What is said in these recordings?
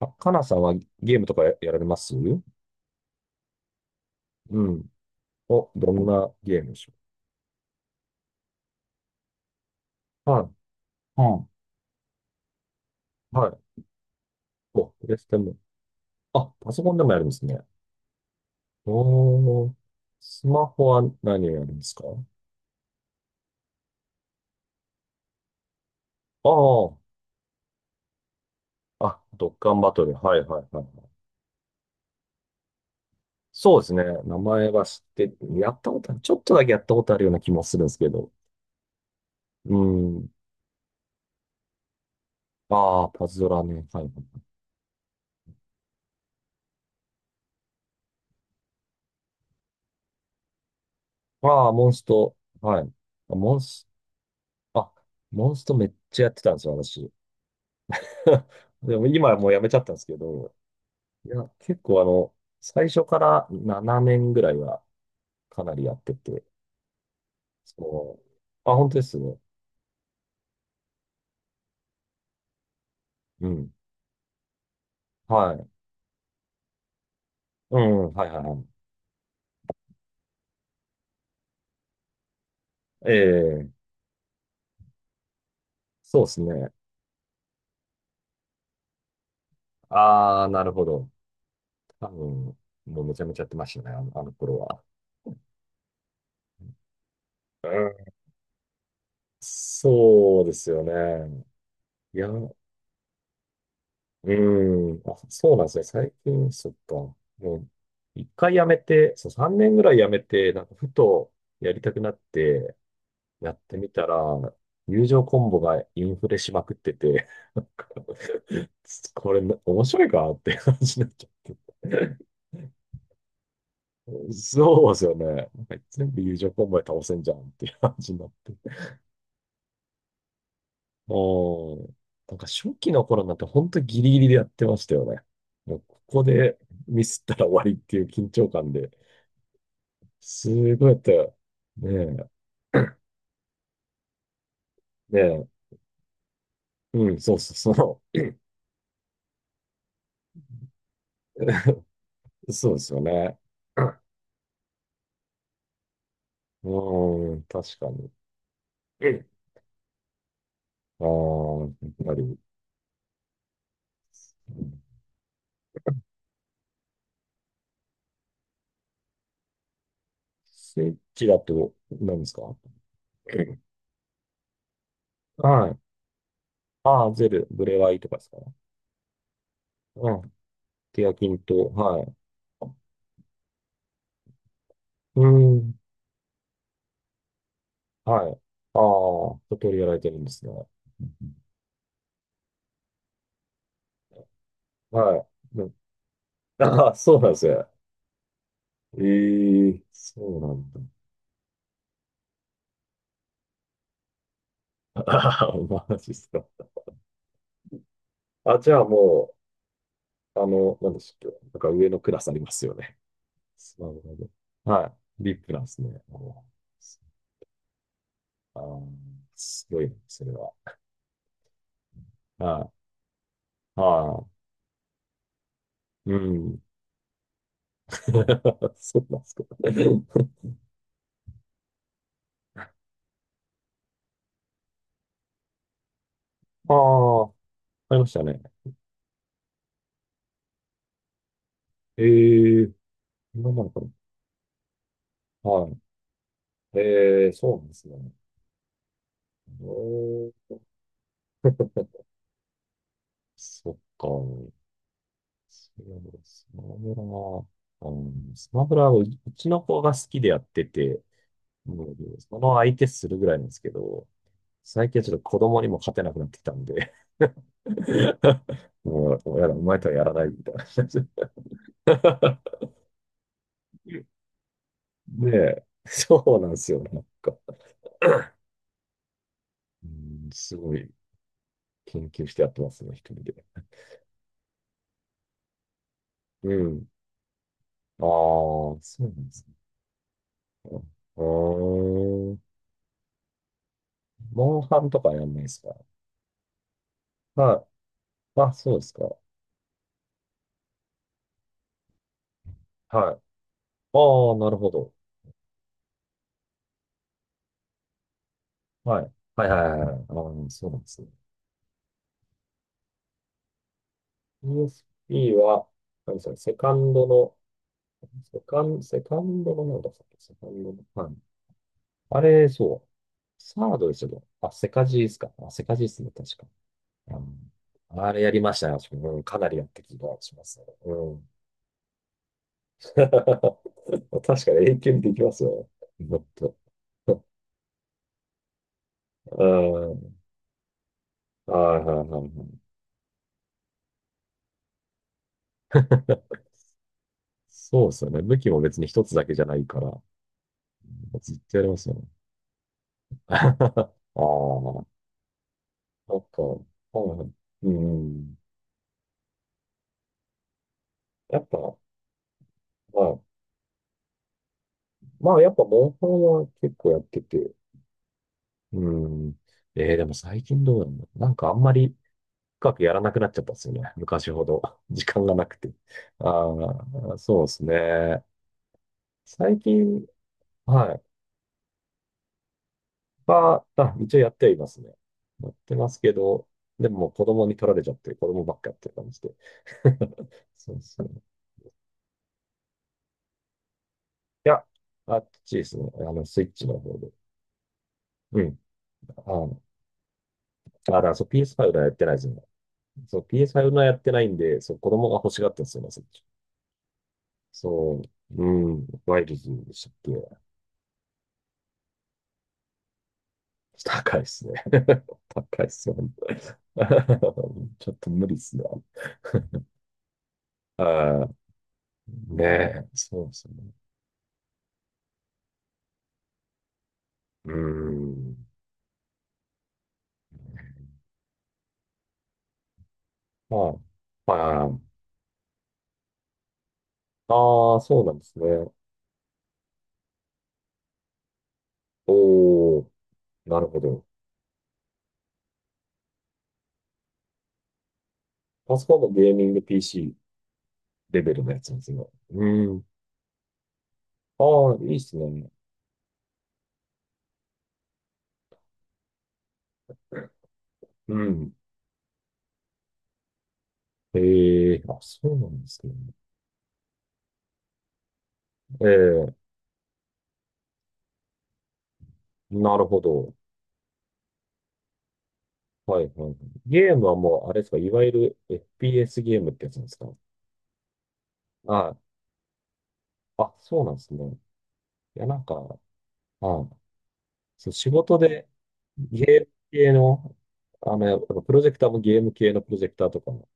あ、かなさんはゲームとかやられますん。お、どんなゲームでしょう？はい。うん。い。はい。お、プレステも。あ、パソコンでもやるんですね。おー。スマホは何をやるんですか？ああー。あ、ドッカンバトル。はいはいはい。そうですね。名前は知って、やったことある。ちょっとだけやったことあるような気もするんですけど。うん。ああ、パズドラね。はい。ああ、モンスト。はい。あモンス、あ、モンストめっちゃやってたんですよ、私。でも今はもうやめちゃったんですけど、いや、結構最初から7年ぐらいはかなりやってて、そう。あ、本当ですね。うん。はい。うん、はいはいはい。ええ、そうですね。ああ、なるほど。多分、もうめちゃめちゃやってましたね、あの頃は。うん、そうですよね。いやー、うーん。あ、そうなんですね。最近、そっか。もう、一回やめて、そう、3年ぐらいやめて、なんか、ふとやりたくなって、やってみたら、友情コンボがインフレしまくってて、なんかこれ、面白いかって話になっちゃって。そうですよね。なんか全部友情コンボで倒せんじゃんっていう感じになって。おー、なんか初期の頃なんて本当ギリギリでやってましたよね。もうここでミスったら終わりっていう緊張感で、すごいやったよ。ねえ、ねえ、うん、そうそうそう。そうですよね。うん、確かに。うん、ああ、やっぱり。スイッチだと何ですか？うん、はい。ああ、ゼル、ブレワイとかですか？うん。ケヤキンと、はい。うん。はい。ああ、一通りやられてるんですね。うん、はい。ね、あ、 あ、そうなんですよ。ええ、そうなんだ。ああ、マジっすか。あ、じゃあもう、なんでしたっけ。なんか上のクラスありますよね。スマホの。はい。リップなんですね。お、あー、すごいな、それは。はい。はい。うん。そうなんですか。ああ、ありましたね。ええ、今なのかな。はい。ええ、そうなんですね。おー、そっか。そうです、スマブラは、うん、スマブラはうちの子が好きでやってて、もう、その相手するぐらいなんですけど、最近はちょっと子供にも勝てなくなってきたんで、もうやだ、お前とはやらないみたいな感じで。で、そうなんですよ、なんか。うん、すごい研究してやってますね、一人で。うん。ああ、そうなんですね。うーん。モンハンとかやんないですか？まあ、あ、そうですか。はい。ああ、なるほど。はい。はいはいはいはい。ああ、そうなんですね。USP は、何ですか、セカンドの、セカンドのなんだったっけ、セカンドの。はい。あれ、そう。サードですよね。あ、セカジーですか。あ、セカジーですね、確か。うん、あれやりましたよ。私も、うん、かなりやってきた気がしますね。うん。確かに永久にできますよ。もっと。うん。はいはいはいはい。そうですよね。武器も別に一つだけじゃないから、もうずっとやりますよね。ああ、なんか、はい、うん。やっぱ、まあ、まあ、やっぱ、モンハンは結構やってて、うん。えー、でも最近どうなんだろう。なんかあんまり深くやらなくなっちゃったんですよね。昔ほど。時間がなくて。ああ、そうですね。最近、はい。あ、一応やってはいますね。やってますけど、でももう子供に取られちゃって、子供ばっかやってる感じで。そうそう。いや、あっちですね。あの、スイッチの方で。うん。あの、あ、だからそう PS5 はやってないですね。そう、PS5 のはやってないんで、そう、子供が欲しがってるんですよね、スイッチ。そう、うん、ワイルズでしたっけ？高いっすね。高いっすよ、本当に。 ちょっと無理っすね。ああ、ねえ、そうですね。うん。はい。はいはいはい。ああ、そうなんですね。おー、なるほど。パソコンもゲーミング PC レベルのやつなんですね。うん。ああ、いいっすね。うん。ええ、あ、そうなんですね。ええ、なるほど。はいはいはい。ゲームはもう、あれですか、いわゆる FPS ゲームってやつなんですか。はい。あ、そうなんですね。いや、なんか、はい。そう、仕事でゲーム系の、やっぱプロジェクターもゲーム系のプロジェクターとかも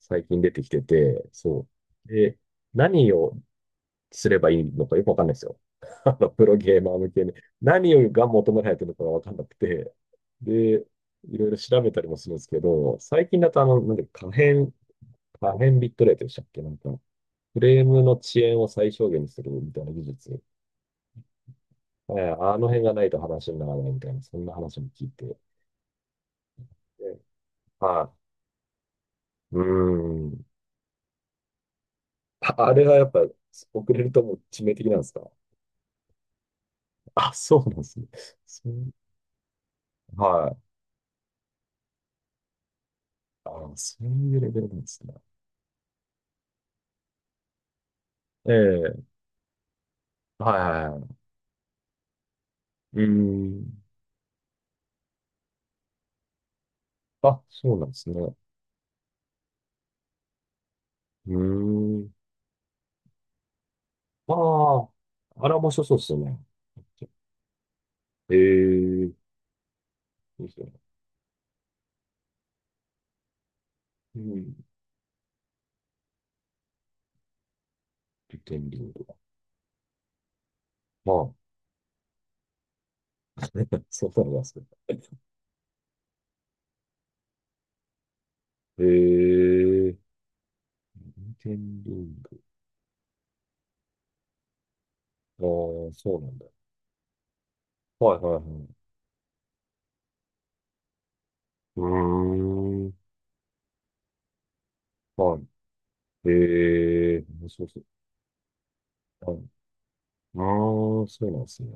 最近出てきてて、そう。で、何をすればいいのかよくわかんないですよ。あの、プロゲーマー向けに。何をが求められてるのかがわかんなくて。で、いろいろ調べたりもするんですけど、最近だとなんで可変ビットレートでしたっけ、なんか、フレームの遅延を最小限にするみたいな技術。えー、あの辺がないと話にならないみたいな、そんな話も聞いて。え、はい。うーん。あ、あれがやっぱ遅れるともう致命的なんですか？ あ、そうなんですね。そう、はい。あ、そういうレベルなんですね。ええ、はいはいはい。うーん。あ、そうなんですね。うーん。ああ、あれは面白そうですよね。ええ、いいですよね。うん。リテンリング。まあ、そうなんですね。ええ、リテンリング。ああ、そうなんだ。はいはいはい。うーん。はい。ええ、面白そう。はい、ああ、そうなんですね。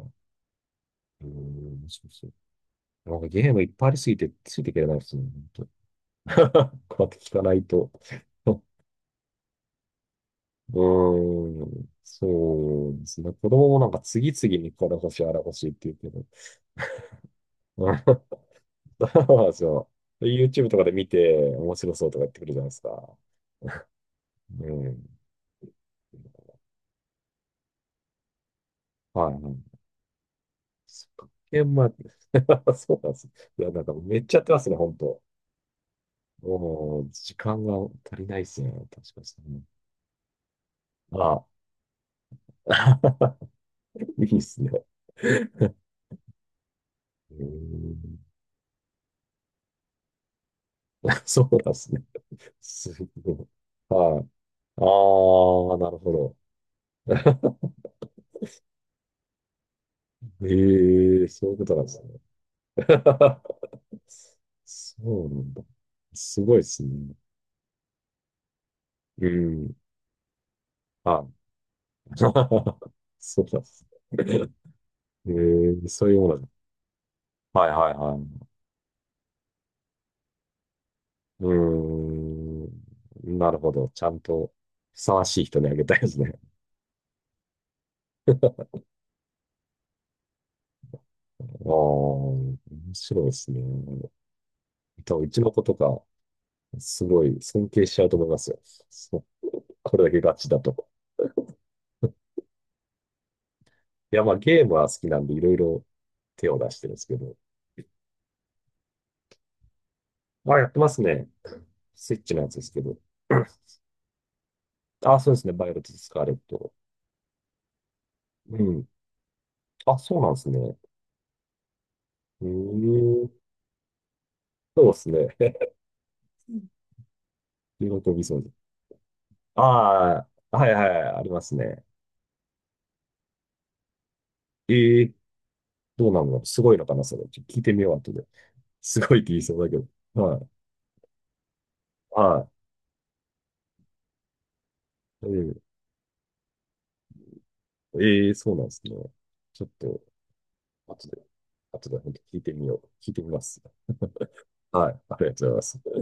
ええ、面白そう。なんかゲームいっぱいありすぎて、ついていけないですね。本当、 こうやって聞かないと。うーん、そうですね。子供もなんか次々にこれ欲しい、あれ欲しいって言うけど。うん、 そうなんですよ。で YouTube とかで見て面白そうとか言ってくるじゃないですか。うん。はい、はい。そっか。ゲームは、 そうなんです。いや、なんかめっちゃやってますね、本当。もう、時間が足りないですね。確かに。ああ、いいですね。うーん、 そうなんですね。すごい。はい。ああ、なるほど。ええ、そういうことなんですね。そうなんだ。すごいですね。うん。はい。そうなんですね。ええ、そういうものだ。はいはいはい。うーん。なるほど。ちゃんと、ふさわしい人にあげたいですね。ああ、面白いですね。多分、うちの子とか、すごい尊敬しちゃうと思いますよ。そう、これだけガチだと。いや、まあ、ゲームは好きなんで、いろいろ手を出してるんですけど。あ、やってますね。スイッチのやつですけど。あ、そうですね。バイオレット・スカーレット。うん。あ、そうなんですね。うーん。そうですね。喜びそうです。ああ、はいはい、ありますね。ええ、どうなんだろう、すごいのかなそれ。ちょっと聞いてみよう、後で。すごいって言いそうだけど。はい。はい。え、ええー、そうなんですね。ちょっと、後で、後で本当聞いてみよう。聞いてみます。はい。ありがとうございます。